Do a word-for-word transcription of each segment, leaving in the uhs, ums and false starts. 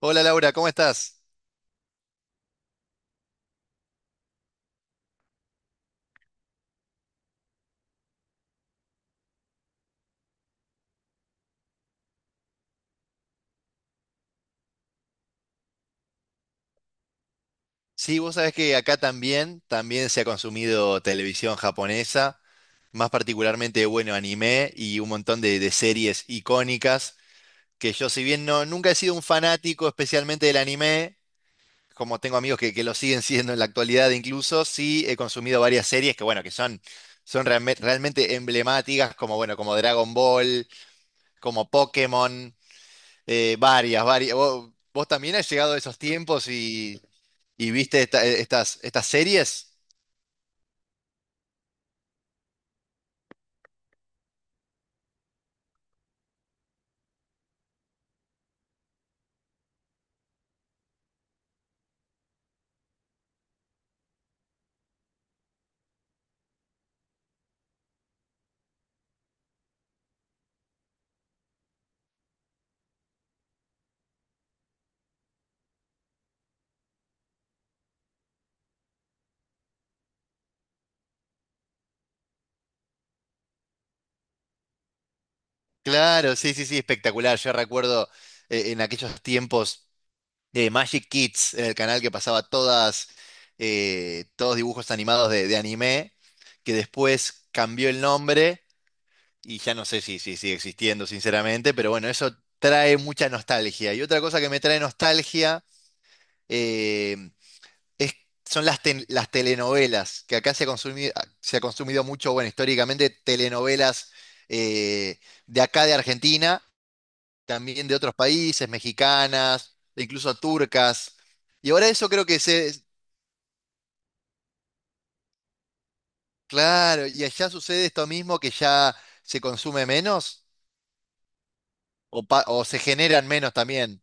Hola Laura, ¿cómo estás? Sí, vos sabés que acá también, también se ha consumido televisión japonesa, más particularmente, bueno, anime y un montón de, de series icónicas, que yo si bien no, nunca he sido un fanático especialmente del anime, como tengo amigos que, que lo siguen siendo en la actualidad incluso, sí he consumido varias series que, bueno, que son, son realme- realmente emblemáticas, como, bueno, como Dragon Ball, como Pokémon, eh, varias, varias. ¿Vos, vos también has llegado a esos tiempos y... ¿Y viste esta- estas, estas series? Claro, sí, sí, sí, espectacular. Yo recuerdo eh, en aquellos tiempos de Magic Kids, en el canal que pasaba todas, eh, todos dibujos animados de, de anime, que después cambió el nombre y ya no sé si, si sigue existiendo, sinceramente, pero bueno, eso trae mucha nostalgia. Y otra cosa que me trae nostalgia, eh, es- son las, ten- las telenovelas, que acá se ha consumido, se ha consumido mucho, bueno, históricamente telenovelas eh, de acá de Argentina, también de otros países, mexicanas, e incluso turcas. Y ahora eso creo que se, claro, y allá sucede esto mismo que ya se consume menos o, pa- o se generan menos también.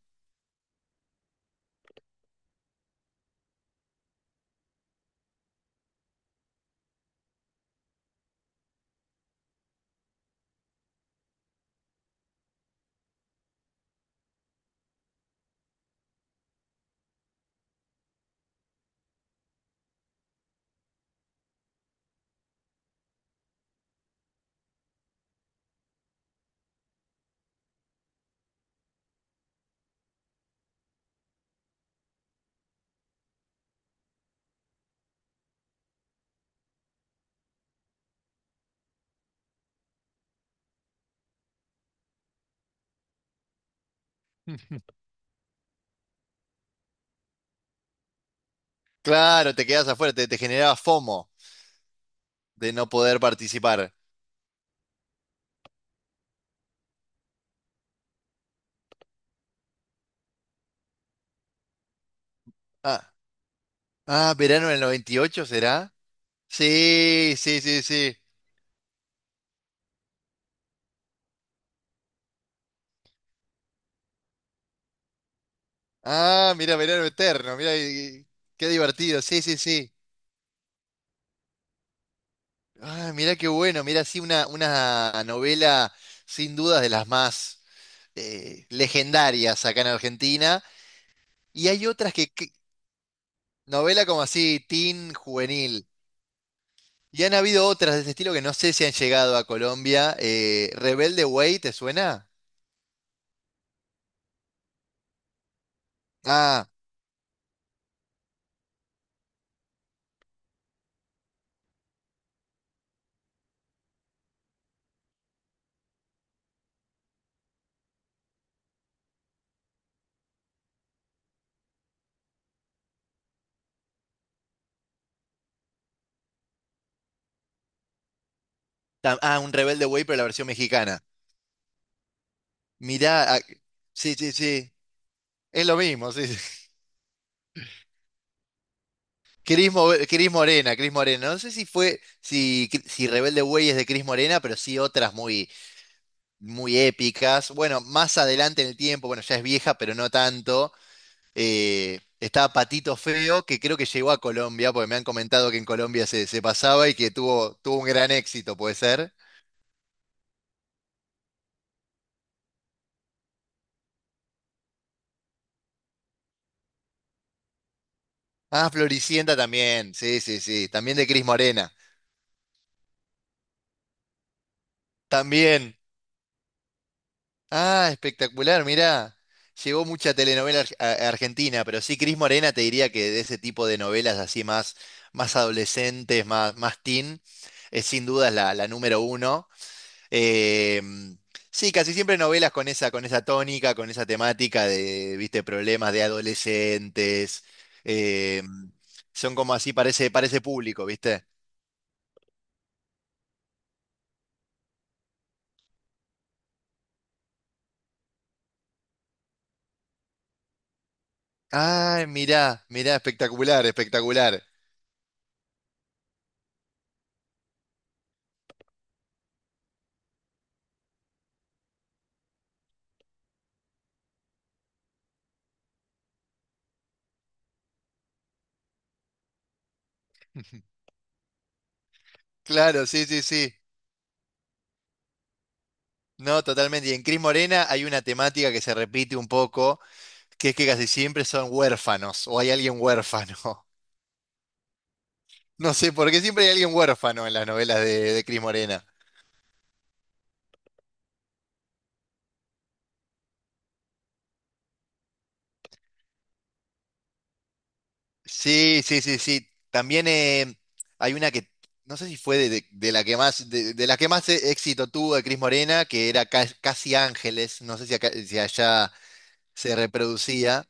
Claro, te quedas afuera, te, te generaba FOMO de no poder participar. Ah, ah, verano del noventa y ocho será. Sí, sí, sí, sí. Ah, mira, verano eterno, mira, qué divertido, sí, sí, sí. Ah, mira qué bueno, mira, sí, una, una novela sin dudas de las más eh, legendarias acá en Argentina. Y hay otras que, que- novela como así, teen, juvenil. Y han habido otras de ese estilo que no sé si han llegado a Colombia. Eh, Rebelde Way, ¿te suena? Ah, ta- ah, un Rebelde Way, pero la versión mexicana. Mirá, ah, sí, sí, sí, es lo mismo, sí. sí. Cris Mo- Cris Morena, Cris Morena. No sé si fue, si, si Rebelde Way es de Cris Morena, pero sí otras muy, muy épicas. Bueno, más adelante en el tiempo, bueno, ya es vieja, pero no tanto. Eh, estaba Patito Feo, que creo que llegó a Colombia, porque me han comentado que en Colombia se, se pasaba y que tuvo, tuvo un gran éxito, ¿puede ser? Ah, Floricienta también, sí, sí, sí, también de Cris Morena. También. Ah, espectacular, mirá. Llegó mucha telenovela arg- a- argentina, pero sí, Cris Morena te diría que de ese tipo de novelas así más, más adolescentes, más, más teen, es sin duda la, la número uno. Eh, sí, casi siempre novelas con esa, con esa tónica, con esa temática de, viste, problemas de adolescentes. Eh, son como así, parece, parece público, ¿viste? Ay, mirá, mirá, espectacular, espectacular. Claro, sí, sí, sí. No, totalmente. Y en Cris Morena hay una temática que se repite un poco, que es que casi siempre son huérfanos o hay alguien huérfano. No sé, por qué siempre hay alguien huérfano en las novelas de, de Cris Morena. Sí, sí, sí, sí. También eh, hay una que, no sé si fue de, de- de la que más, de, de la que más eh, éxito tuvo de Cris Morena, que era Ca- Casi Ángeles. No sé si, acá- si allá se reproducía.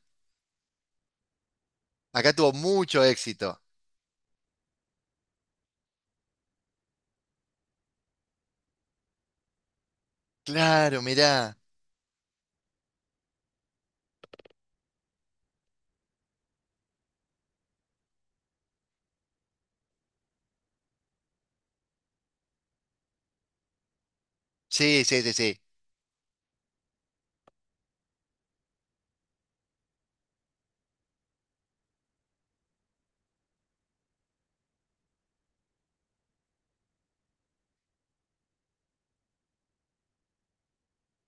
Acá tuvo mucho éxito. Claro, mirá. Sí, sí, sí, sí.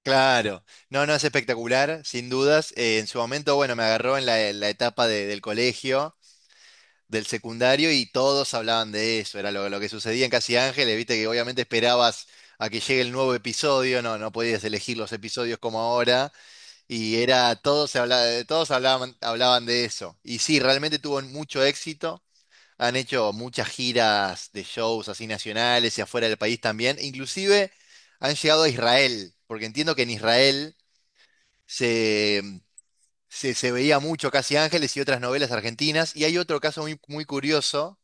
Claro, no, no es espectacular, sin dudas. Eh, en su momento, bueno, me agarró en la, en la etapa de- del colegio, del secundario, y todos hablaban de eso. Era lo, lo que sucedía en Casi Ángeles, viste que obviamente esperabas a que llegue el nuevo episodio, no, no podías elegir los episodios como ahora, y era, todos se hablaba, todos hablaban, hablaban de eso. Y sí, realmente tuvo mucho éxito. Han hecho muchas giras de shows así nacionales y afuera del país también. Inclusive han llegado a Israel, porque entiendo que en Israel se, mm, se, se veía mucho Casi Ángeles y otras novelas argentinas. Y hay otro caso muy, muy curioso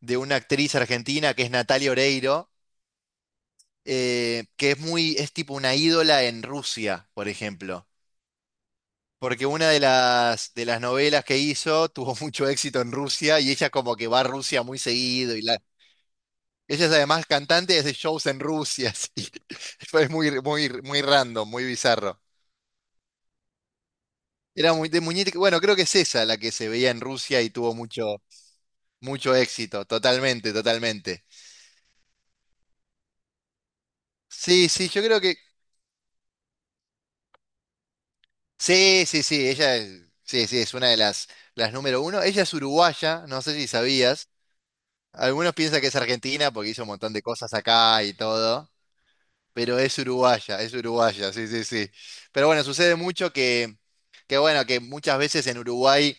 de una actriz argentina que es Natalia Oreiro, eh, que es muy, es tipo una ídola en Rusia, por ejemplo. Porque una de las, de las novelas que hizo tuvo mucho éxito en Rusia y ella como que va a Rusia muy seguido. Y la, ella es además cantante y hace shows en Rusia. así. Fue muy, muy, muy random, muy bizarro. Era muy de muñeca. Bueno, creo que es esa la que se veía en Rusia y tuvo mucho, mucho éxito, totalmente, totalmente. Sí, sí, yo creo que... Sí, sí, sí, ella es, sí, sí, es una de las, las número uno. Ella es uruguaya, no sé si sabías. Algunos piensan que es argentina porque hizo un montón de cosas acá y todo, pero es uruguaya, es uruguaya, sí, sí, sí. Pero bueno, sucede mucho que, que bueno, que muchas veces en Uruguay,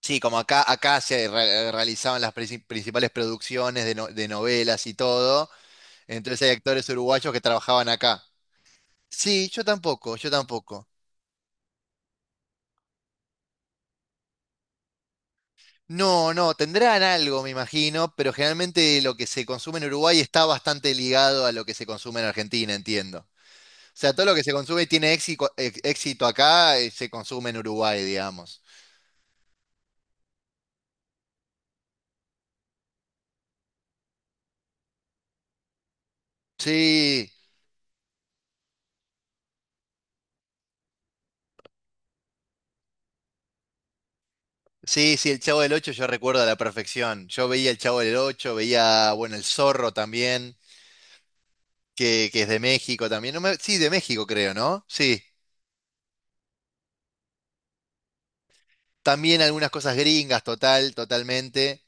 sí, como acá, acá se re- realizaban las princi- principales producciones de, no- de novelas y todo, entonces hay actores uruguayos que trabajaban acá. Sí, yo tampoco, yo tampoco. No, no, tendrán algo, me imagino, pero generalmente lo que se consume en Uruguay está bastante ligado a lo que se consume en Argentina, entiendo. O sea, todo lo que se consume y tiene éxito, éxito acá, eh, se consume en Uruguay, digamos. Sí, sí, sí, el Chavo del Ocho yo recuerdo a la perfección. Yo veía el Chavo del Ocho, veía, bueno, el Zorro también, que, que es de México también. No me- sí, de México creo, ¿no? Sí. También algunas cosas gringas, total, totalmente.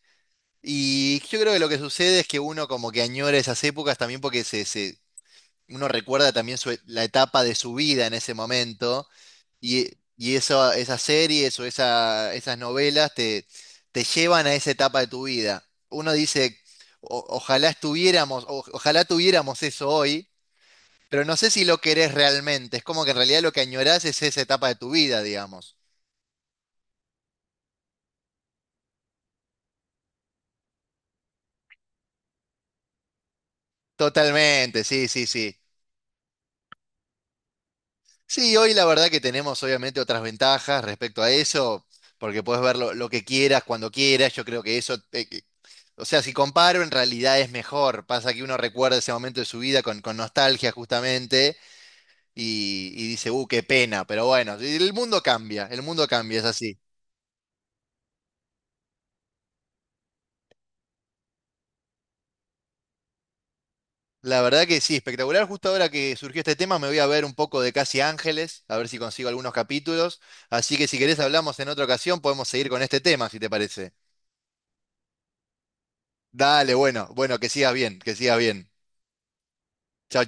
Y yo creo que lo que sucede es que uno como que añora esas épocas también porque se, se- uno recuerda también su e- la etapa de su vida en ese momento y, y eso, esas series o esa- esas novelas te, te llevan a esa etapa de tu vida. Uno dice, "O- ojalá estuviéramos, o- ojalá tuviéramos eso hoy, pero no sé si lo querés realmente. Es como que en realidad lo que añorás es esa etapa de tu vida, digamos. Totalmente, sí, sí, sí. Sí, hoy la verdad que tenemos obviamente otras ventajas respecto a eso, porque puedes ver lo, lo que quieras, cuando quieras, yo creo que eso, eh, que- o sea, si comparo en realidad es mejor, pasa que uno recuerda ese momento de su vida con, con nostalgia justamente y, y dice, uh, qué pena, pero bueno, el mundo cambia, el mundo cambia, es así. La verdad que sí, espectacular, justo ahora que surgió este tema me voy a ver un poco de Casi Ángeles, a ver si consigo algunos capítulos, así que si querés hablamos en otra ocasión, podemos seguir con este tema, si te parece. Dale, bueno, bueno, que sigas bien, que sigas bien. Chao, chao.